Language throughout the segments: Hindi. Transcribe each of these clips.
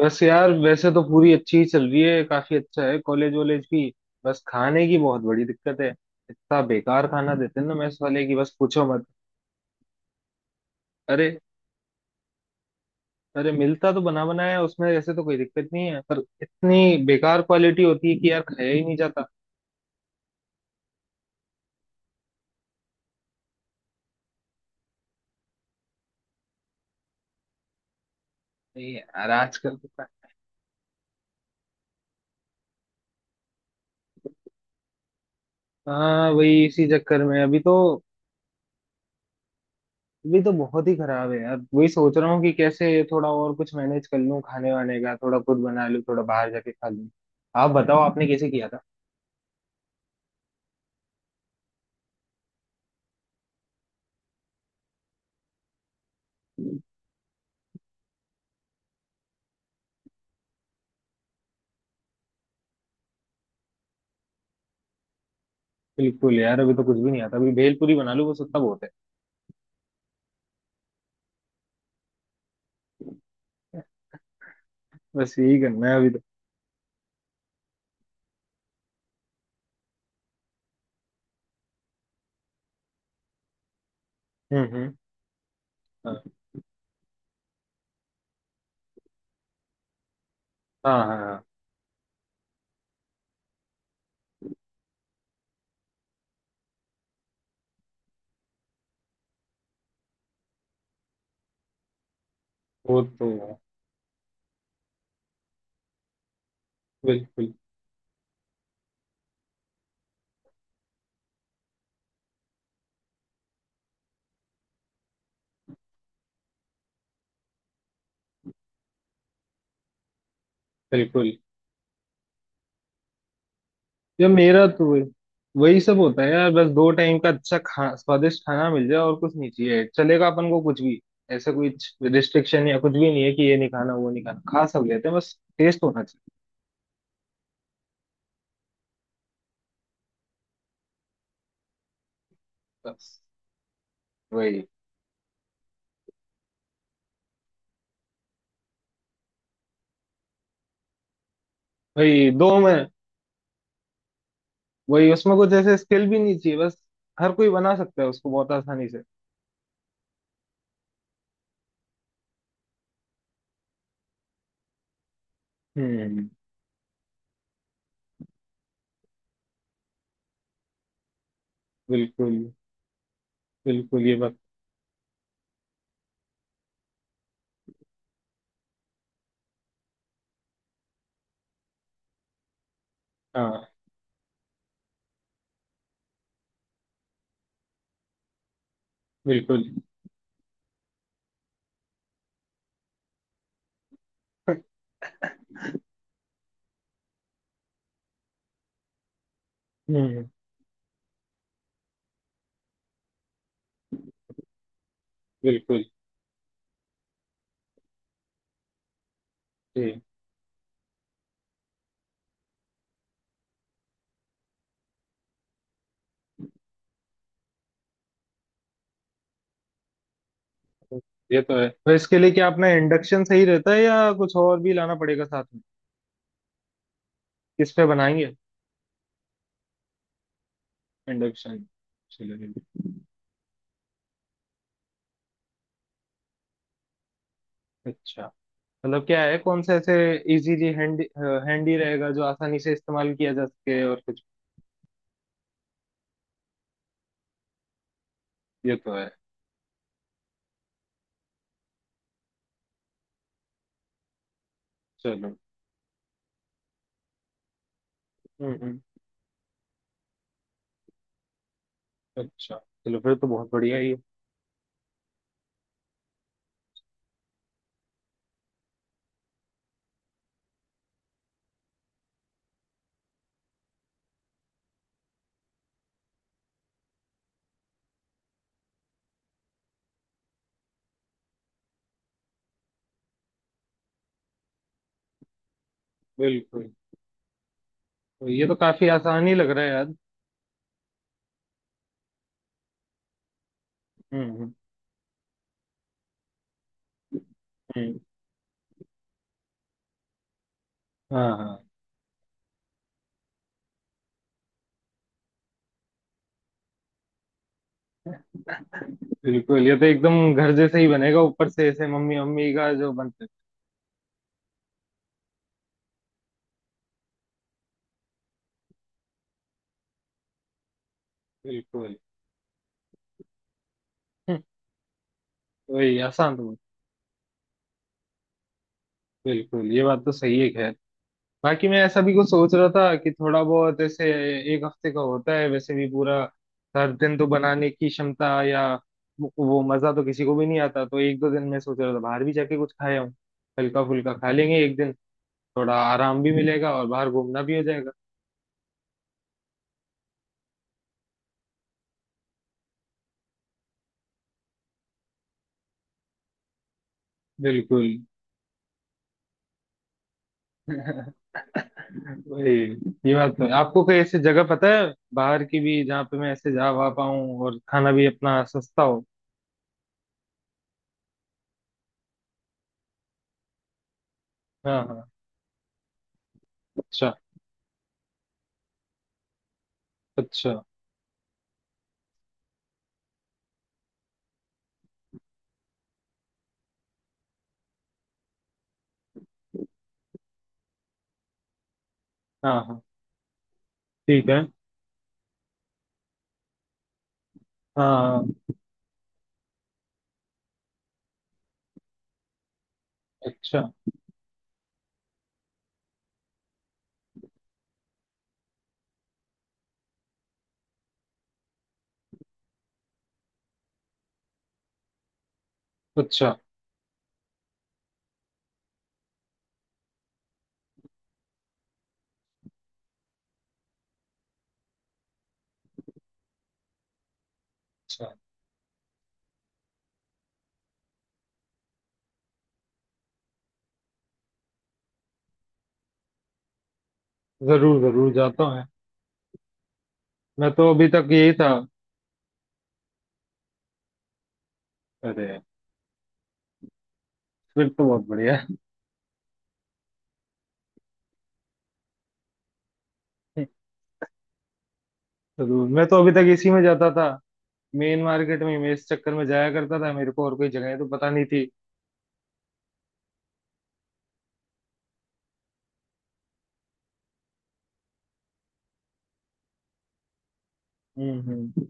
बस यार वैसे तो पूरी अच्छी ही चल रही है काफी अच्छा है कॉलेज वॉलेज भी। बस खाने की बहुत बड़ी दिक्कत है। इतना बेकार खाना देते हैं ना मेस वाले की बस पूछो मत। अरे अरे मिलता तो बना बनाया है, उसमें ऐसे तो कोई दिक्कत नहीं है पर इतनी बेकार क्वालिटी होती है कि यार खाया ही नहीं जाता। नहीं यार आजकल तो खा-। हाँ वही इसी चक्कर में अभी तो। अभी तो बहुत ही खराब है यार वही सोच रहा हूँ कि कैसे थोड़ा और कुछ मैनेज कर लूँ खाने वाने का थोड़ा खुद बना लूँ थोड़ा बाहर जाके खा लूँ। आप बताओ आपने कैसे किया था। बिल्कुल यार अभी तो कुछ भी नहीं आता अभी भेलपूरी बना लूँ बस उतना बहुत है। बस यही करना है अभी तो। हम्म। हाँ हाँ हाँ हाँ, वो तो है। बिल्कुल बिल्कुल। ये मेरा तो वही वही सब होता है यार बस दो टाइम का अच्छा खा स्वादिष्ट खाना मिल जाए और कुछ नहीं चाहिए चलेगा अपन को कुछ भी। ऐसा कोई रिस्ट्रिक्शन या कुछ भी नहीं है कि ये नहीं खाना वो नहीं खाना खा सब लेते हैं बस टेस्ट होना चाहिए। बस वही। वही दो में। वही उसमें कुछ ऐसे स्किल भी नहीं चाहिए बस हर कोई बना सकता है उसको बहुत आसानी से। हम्म। बिल्कुल। बिल्कुल ये बात। हाँ बिल्कुल। हम्म। बिल्कुल ये। ये तो है तो इसके लिए क्या अपना इंडक्शन सही रहता है या कुछ और भी लाना पड़ेगा साथ में किस पे बनाएंगे। इंडक्शन। चलो। अच्छा। मतलब क्या है कौन सा ऐसे इजीली हैंडी हैंडी रहेगा जो आसानी से इस्तेमाल किया जा सके और कुछ। ये तो है। चलो। हम्म हम्म, अच्छा। चलो फिर तो बहुत बढ़िया है ये। बिल्कुल। तो ये तो काफी आसान ही लग रहा है यार। हम्म। हम्म, हाँ हाँ। बिल्कुल ये तो एकदम घर जैसे ही बनेगा ऊपर से ऐसे मम्मी मम्मी का जो बनते हैं। बिल्कुल। हम्म, वही आसान तो। बिल्कुल ये बात तो सही है खैर बाकी मैं ऐसा भी कुछ सोच रहा था कि थोड़ा बहुत ऐसे एक हफ्ते का होता है वैसे भी पूरा हर दिन तो बनाने की क्षमता या वो मजा तो किसी को भी नहीं आता तो एक दो दिन मैं सोच रहा था बाहर भी जाके कुछ खाया हूँ। हल्का फुल्का खा लेंगे एक दिन। थोड़ा आराम भी मिलेगा और बाहर घूमना भी हो जाएगा। बिल्कुल। वही। ये बात तो है। आपको कोई ऐसी जगह पता है बाहर की भी जहाँ पे मैं ऐसे जा वहा पाऊँ और खाना भी अपना सस्ता हो। हाँ हाँ। अच्छा। अच्छा। हाँ हाँ। ठीक है। हाँ हाँ, अच्छा। अच्छा। अच्छा। जरूर जरूर जाता हूँ मैं। मैं तो अभी तक यही था। अरे। फिर तो बहुत बढ़िया है। जरूर मैं तो अभी तक इसी में जाता था मेन मार्केट में मैं इस चक्कर में जाया करता था मेरे को और कोई जगह तो पता नहीं थी। हम्म।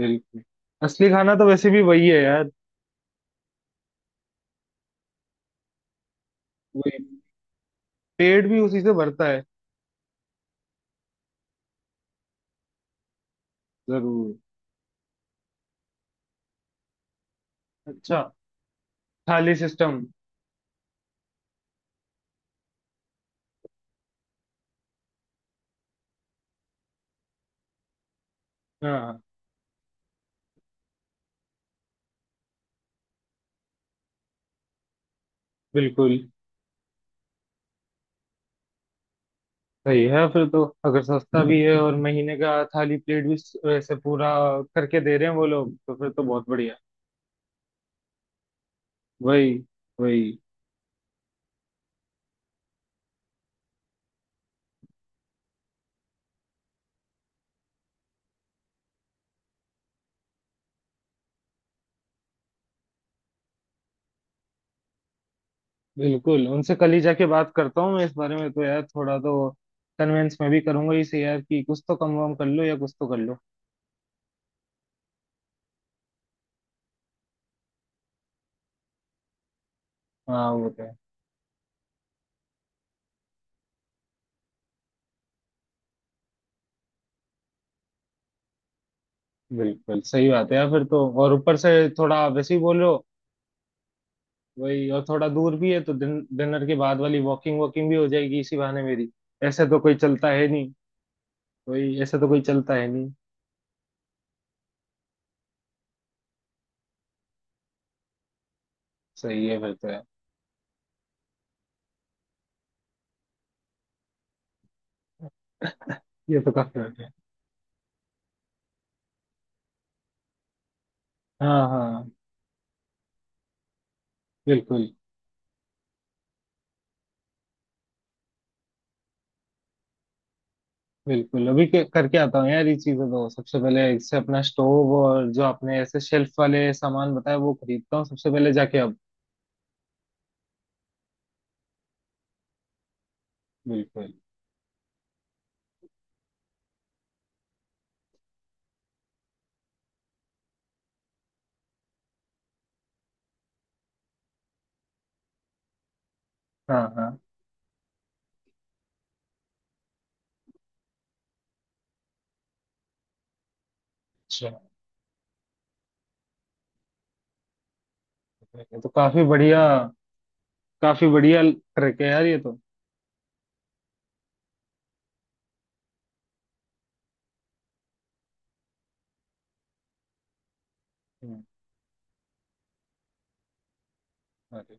बिल्कुल। असली खाना तो वैसे भी वही है यार। पेट भी उसी से भरता है। जरूर। अच्छा। थाली सिस्टम। हाँ। बिल्कुल। सही है फिर तो अगर सस्ता भी है और महीने का थाली प्लेट भी स- वैसे पूरा करके दे रहे हैं वो लोग तो फिर तो बहुत बढ़िया। वही। वही। बिल्कुल उनसे कल ही जाके बात करता हूँ मैं इस बारे में तो यार थोड़ा तो कन्वेंस मैं भी करूंगा इसे यार कि कुछ तो कम वम कर लो या कुछ तो कर लो। हाँ वो तो है। बिल्कुल सही बात है यार फिर तो और ऊपर से थोड़ा वैसे ही बोलो। वही और थोड़ा दूर भी है तो दिन डिनर के बाद वाली वॉकिंग वॉकिंग भी हो जाएगी इसी बहाने मेरी। ऐसे तो कोई चलता है नहीं। वही ऐसे तो कोई चलता है नहीं। सही है फिर तो यार। ये तो काफी बढ़िया है। हाँ हाँ। बिल्कुल बिल्कुल। अभी के, करके आता हूँ यार ये चीजें तो सबसे पहले इससे अपना स्टोव और जो आपने ऐसे शेल्फ वाले सामान बताया वो खरीदता हूँ सबसे पहले जाके अब। बिल्कुल। हाँ हाँ। अच्छा। ये तो काफी बढ़िया ट्रिक है यार ये तो। हम्म, अरे।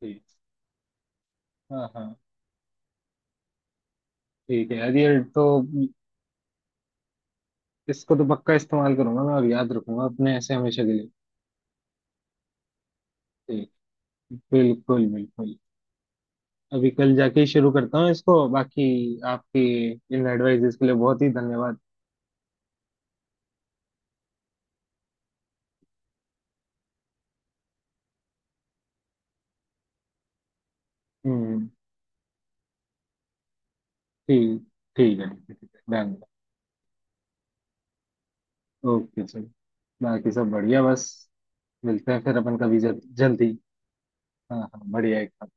ठीक। हाँ हाँ। ठीक है यार ये तो इसको तो पक्का इस्तेमाल करूंगा मैं और याद रखूंगा अपने ऐसे हमेशा के लिए। ठीक। बिल्कुल बिल्कुल। अभी कल जाके ही शुरू करता हूँ इसको बाकी आपकी इन एडवाइजेस के लिए बहुत ही धन्यवाद। हम्म। ठीक। ठीक है ठीक है ठीक है डन। ओके चलो बाकी सब बढ़िया बस मिलते हैं फिर अपन कभी जल्दी। हाँ हाँ बढ़िया एकदम।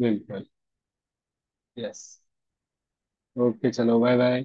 बिल्कुल। यस। ओके चलो बाय बाय।